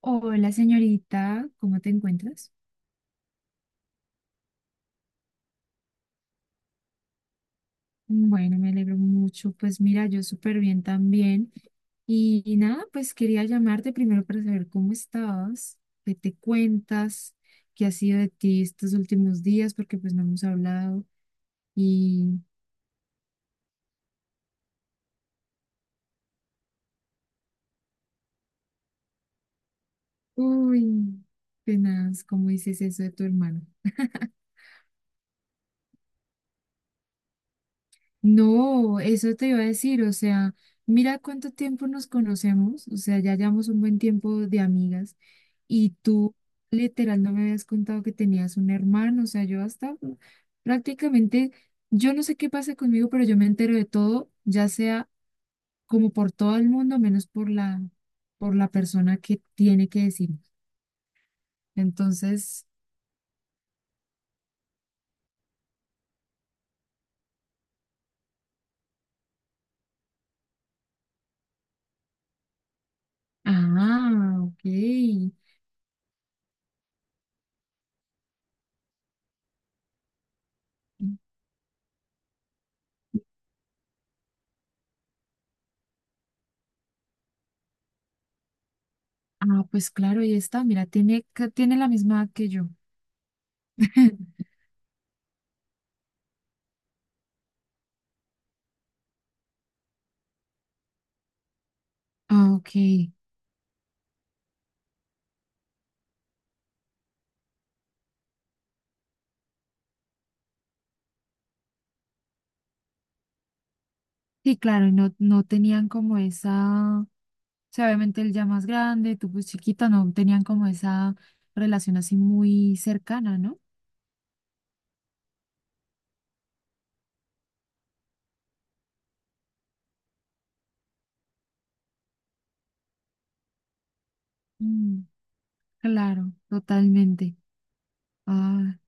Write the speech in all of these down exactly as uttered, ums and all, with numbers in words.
Hola señorita, ¿cómo te encuentras? Bueno, me alegro mucho. Pues mira, yo súper bien también. Y, y nada, pues quería llamarte primero para saber cómo estabas, qué te cuentas, qué ha sido de ti estos últimos días, porque pues no hemos hablado. Y, uy, tenaz, ¿cómo dices eso de tu hermano? No, eso te iba a decir, o sea, mira cuánto tiempo nos conocemos, o sea, ya llevamos un buen tiempo de amigas y tú literal no me habías contado que tenías un hermano, o sea, yo hasta prácticamente, yo no sé qué pasa conmigo, pero yo me entero de todo, ya sea como por todo el mundo, menos por la, por la persona que tiene que decir. Entonces, ah, ok. Ah, pues claro, ahí está, mira, tiene, ca- tiene la misma edad que yo. Ah, ok, sí, claro, y no, no tenían como esa, o sea, obviamente él ya más grande, tú pues chiquita, no tenían como esa relación así muy cercana, ¿no? Mm, claro, totalmente. Ah,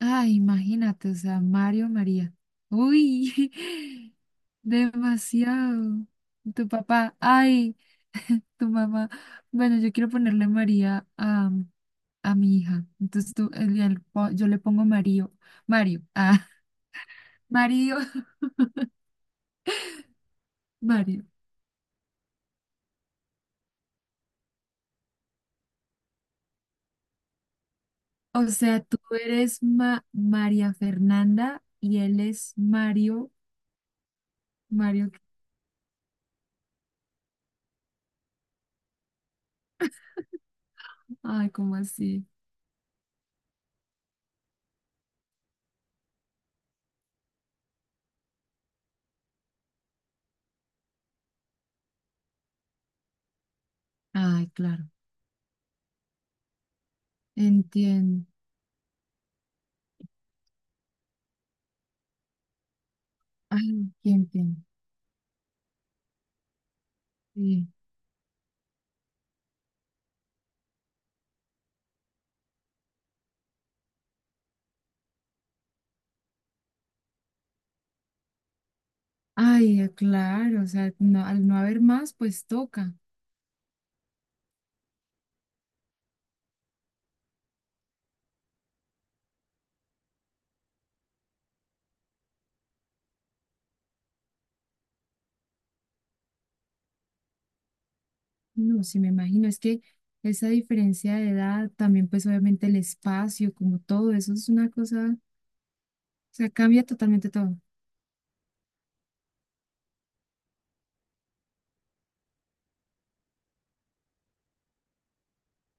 ah, imagínate, o sea, Mario, María. Uy, demasiado. Tu papá, ay, tu mamá. Bueno, yo quiero ponerle María a, a mi hija. Entonces tú, el- el- yo le pongo Mario. Mario, ah, Mario. Mario. O sea, tú eres Ma- María Fernanda y él es Mario. Mario, ¿qué? ay, ¿cómo así? Ay, claro. Entiendo. Ay, qué entiendo. Sí. Ay, ya, claro. O sea, no, al no haber más, pues toca. No, sí, me imagino. Es que esa diferencia de edad, también pues obviamente el espacio, como todo, eso es una cosa, o sea, cambia totalmente todo.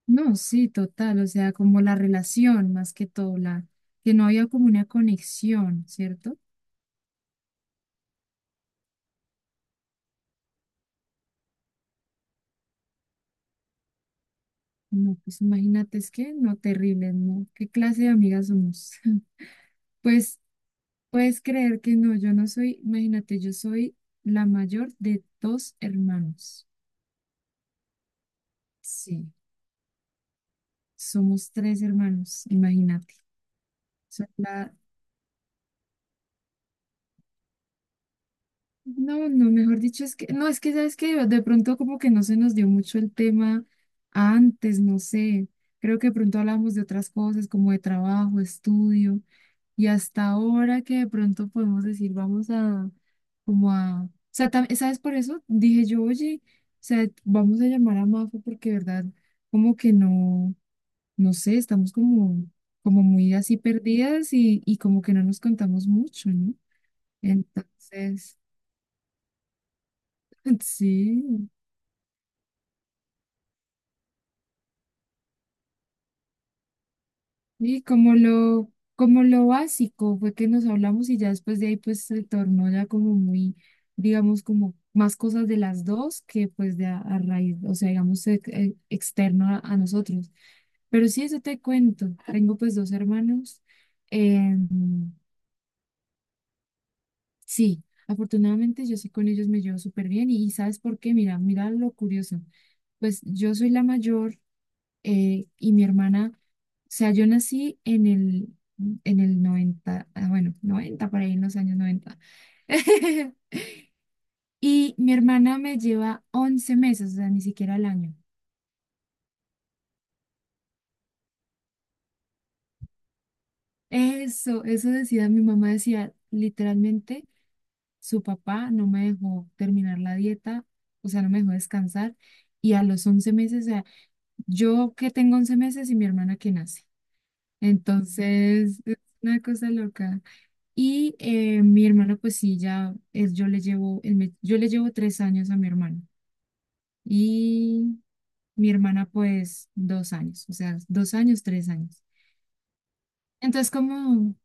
No, sí, total, o sea, como la relación más que todo, la que no había como una conexión, ¿cierto? No, pues imagínate, es que no, terrible, ¿no? ¿Qué clase de amigas somos? Pues puedes creer que no, yo no soy, imagínate, yo soy la mayor de dos hermanos. Sí, somos tres hermanos, imagínate. Soy la, No, no, mejor dicho, es que, no, es que sabes que de pronto como que no se nos dio mucho el tema antes, no sé, creo que de pronto hablamos de otras cosas como de trabajo, estudio, y hasta ahora que de pronto podemos decir, vamos a, como a, o sea, tam- ¿sabes por eso? Dije yo, oye, o sea, vamos a llamar a Mafe porque, de verdad, como que no, no sé, estamos como, como muy así perdidas y, y como que no nos contamos mucho, ¿no? Entonces, sí. Y como lo, como lo básico fue que nos hablamos y ya después de ahí pues se tornó ya como muy, digamos, como más cosas de las dos que pues de a, a raíz, o sea, digamos, ex- eh, externo a, a nosotros. Pero sí, eso te cuento. Tengo pues dos hermanos. Em, sí, afortunadamente yo sí con ellos me llevo súper bien y ¿sabes por qué? Mira, mira lo curioso. Pues yo soy la mayor eh, y mi hermana, o sea, yo nací en el, en el noventa ah, bueno, noventa por ahí en los años noventa. Y mi hermana me lleva once meses, o sea, ni siquiera el año. Eso, eso decía mi mamá, decía, literalmente, su papá no me dejó terminar la dieta, o sea, no me dejó descansar. Y a los once meses, o sea, yo que tengo once meses y mi hermana que nace. Entonces, es una cosa loca. Y eh, mi hermana, pues sí, ya es, yo le llevo, él me- yo le llevo tres años a mi hermano. Y mi hermana, pues, dos años, o sea, dos años, tres años. Entonces, como,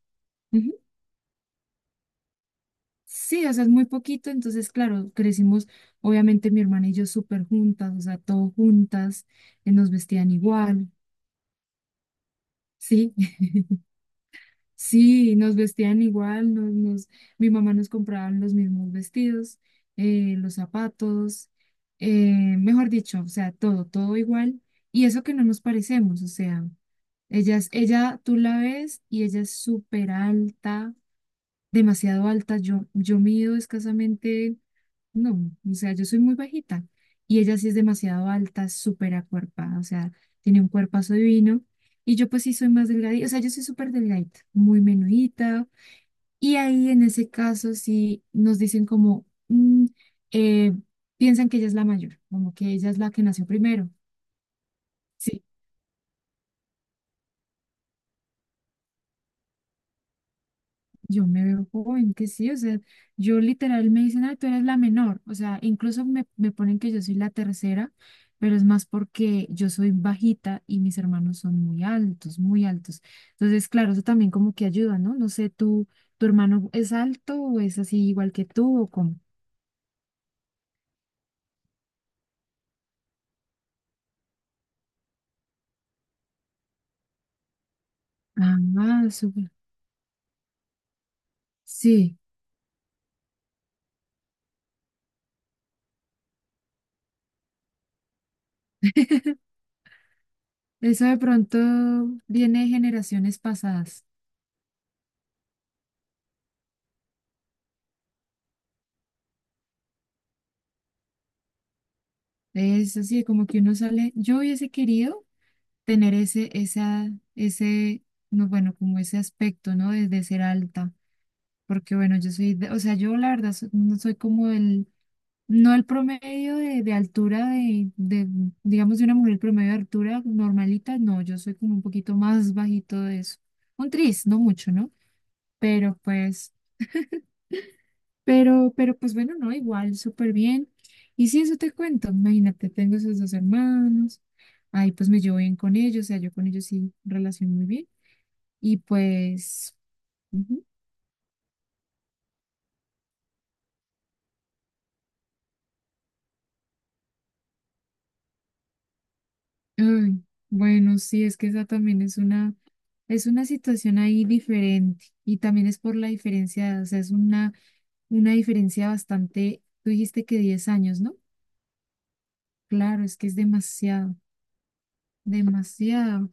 ujú, sí, o sea, es muy poquito. Entonces, claro, crecimos, obviamente, mi hermana y yo súper juntas, o sea, todo juntas, eh, nos vestían igual, sí. Sí, nos vestían igual, nos, nos, mi mamá nos compraba los mismos vestidos, eh, los zapatos, eh, mejor dicho, o sea, todo, todo igual. Y eso que no nos parecemos, o sea, ella, es- ella tú la ves y ella es súper alta, demasiado alta. Yo, yo mido escasamente no, o sea, yo soy muy bajita y ella sí es demasiado alta, súper acuerpada, o sea, tiene un cuerpazo divino y yo pues sí soy más delgadita, o sea, yo soy súper delgadita, muy menudita y ahí en ese caso sí nos dicen como, mm, eh, piensan que ella es la mayor, como que ella es la que nació primero. Sí, yo me veo joven, que sí, o sea, yo literal me dicen, ay, tú eres la menor, o sea, incluso me, me ponen que yo soy la tercera, pero es más porque yo soy bajita y mis hermanos son muy altos, muy altos. Entonces, claro, eso también como que ayuda, ¿no? No sé, tú, ¿tu hermano es alto o es así igual que tú o cómo? Ah, ah, súper. Sí, eso de pronto viene de generaciones pasadas. Es así, como que uno sale, yo hubiese querido tener ese, esa, ese, no, bueno, como ese aspecto, ¿no? De, de ser alta, porque bueno, yo soy, de- o sea, yo la verdad so- no soy como el, no el promedio de, de altura de, de, digamos, de una mujer promedio de altura normalita, no, yo soy como un poquito más bajito de eso, un tris, no mucho, ¿no? Pero pues, pero, pero pues bueno, no, igual, súper bien. Y sí eso te cuento, imagínate, tengo esos dos hermanos, ahí pues me llevo bien con ellos, o sea, yo con ellos sí relaciono muy bien. Y pues, ujú, ay, bueno, sí, es que esa también es una, es una situación ahí diferente y también es por la diferencia, o sea, es una, una diferencia bastante, tú dijiste que diez años, ¿no? Claro, es que es demasiado, demasiado.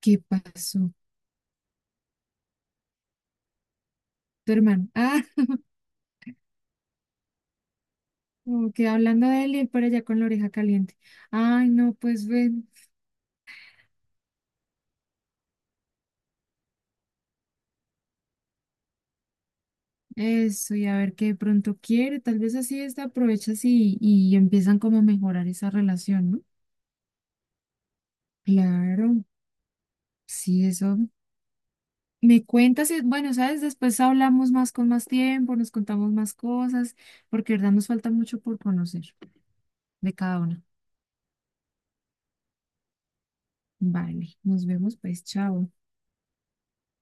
¿Qué pasó? Tu hermano, ah, como que hablando de él y él por allá con la oreja caliente. Ay, no, pues bueno, eso y a ver qué de pronto quiere, tal vez así esta aprovechas y, y empiezan como a mejorar esa relación, ¿no? Claro, sí, eso. Me cuentas, y, bueno, sabes, después hablamos más con más tiempo, nos contamos más cosas, porque de verdad nos falta mucho por conocer de cada una. Vale, nos vemos pues, chao.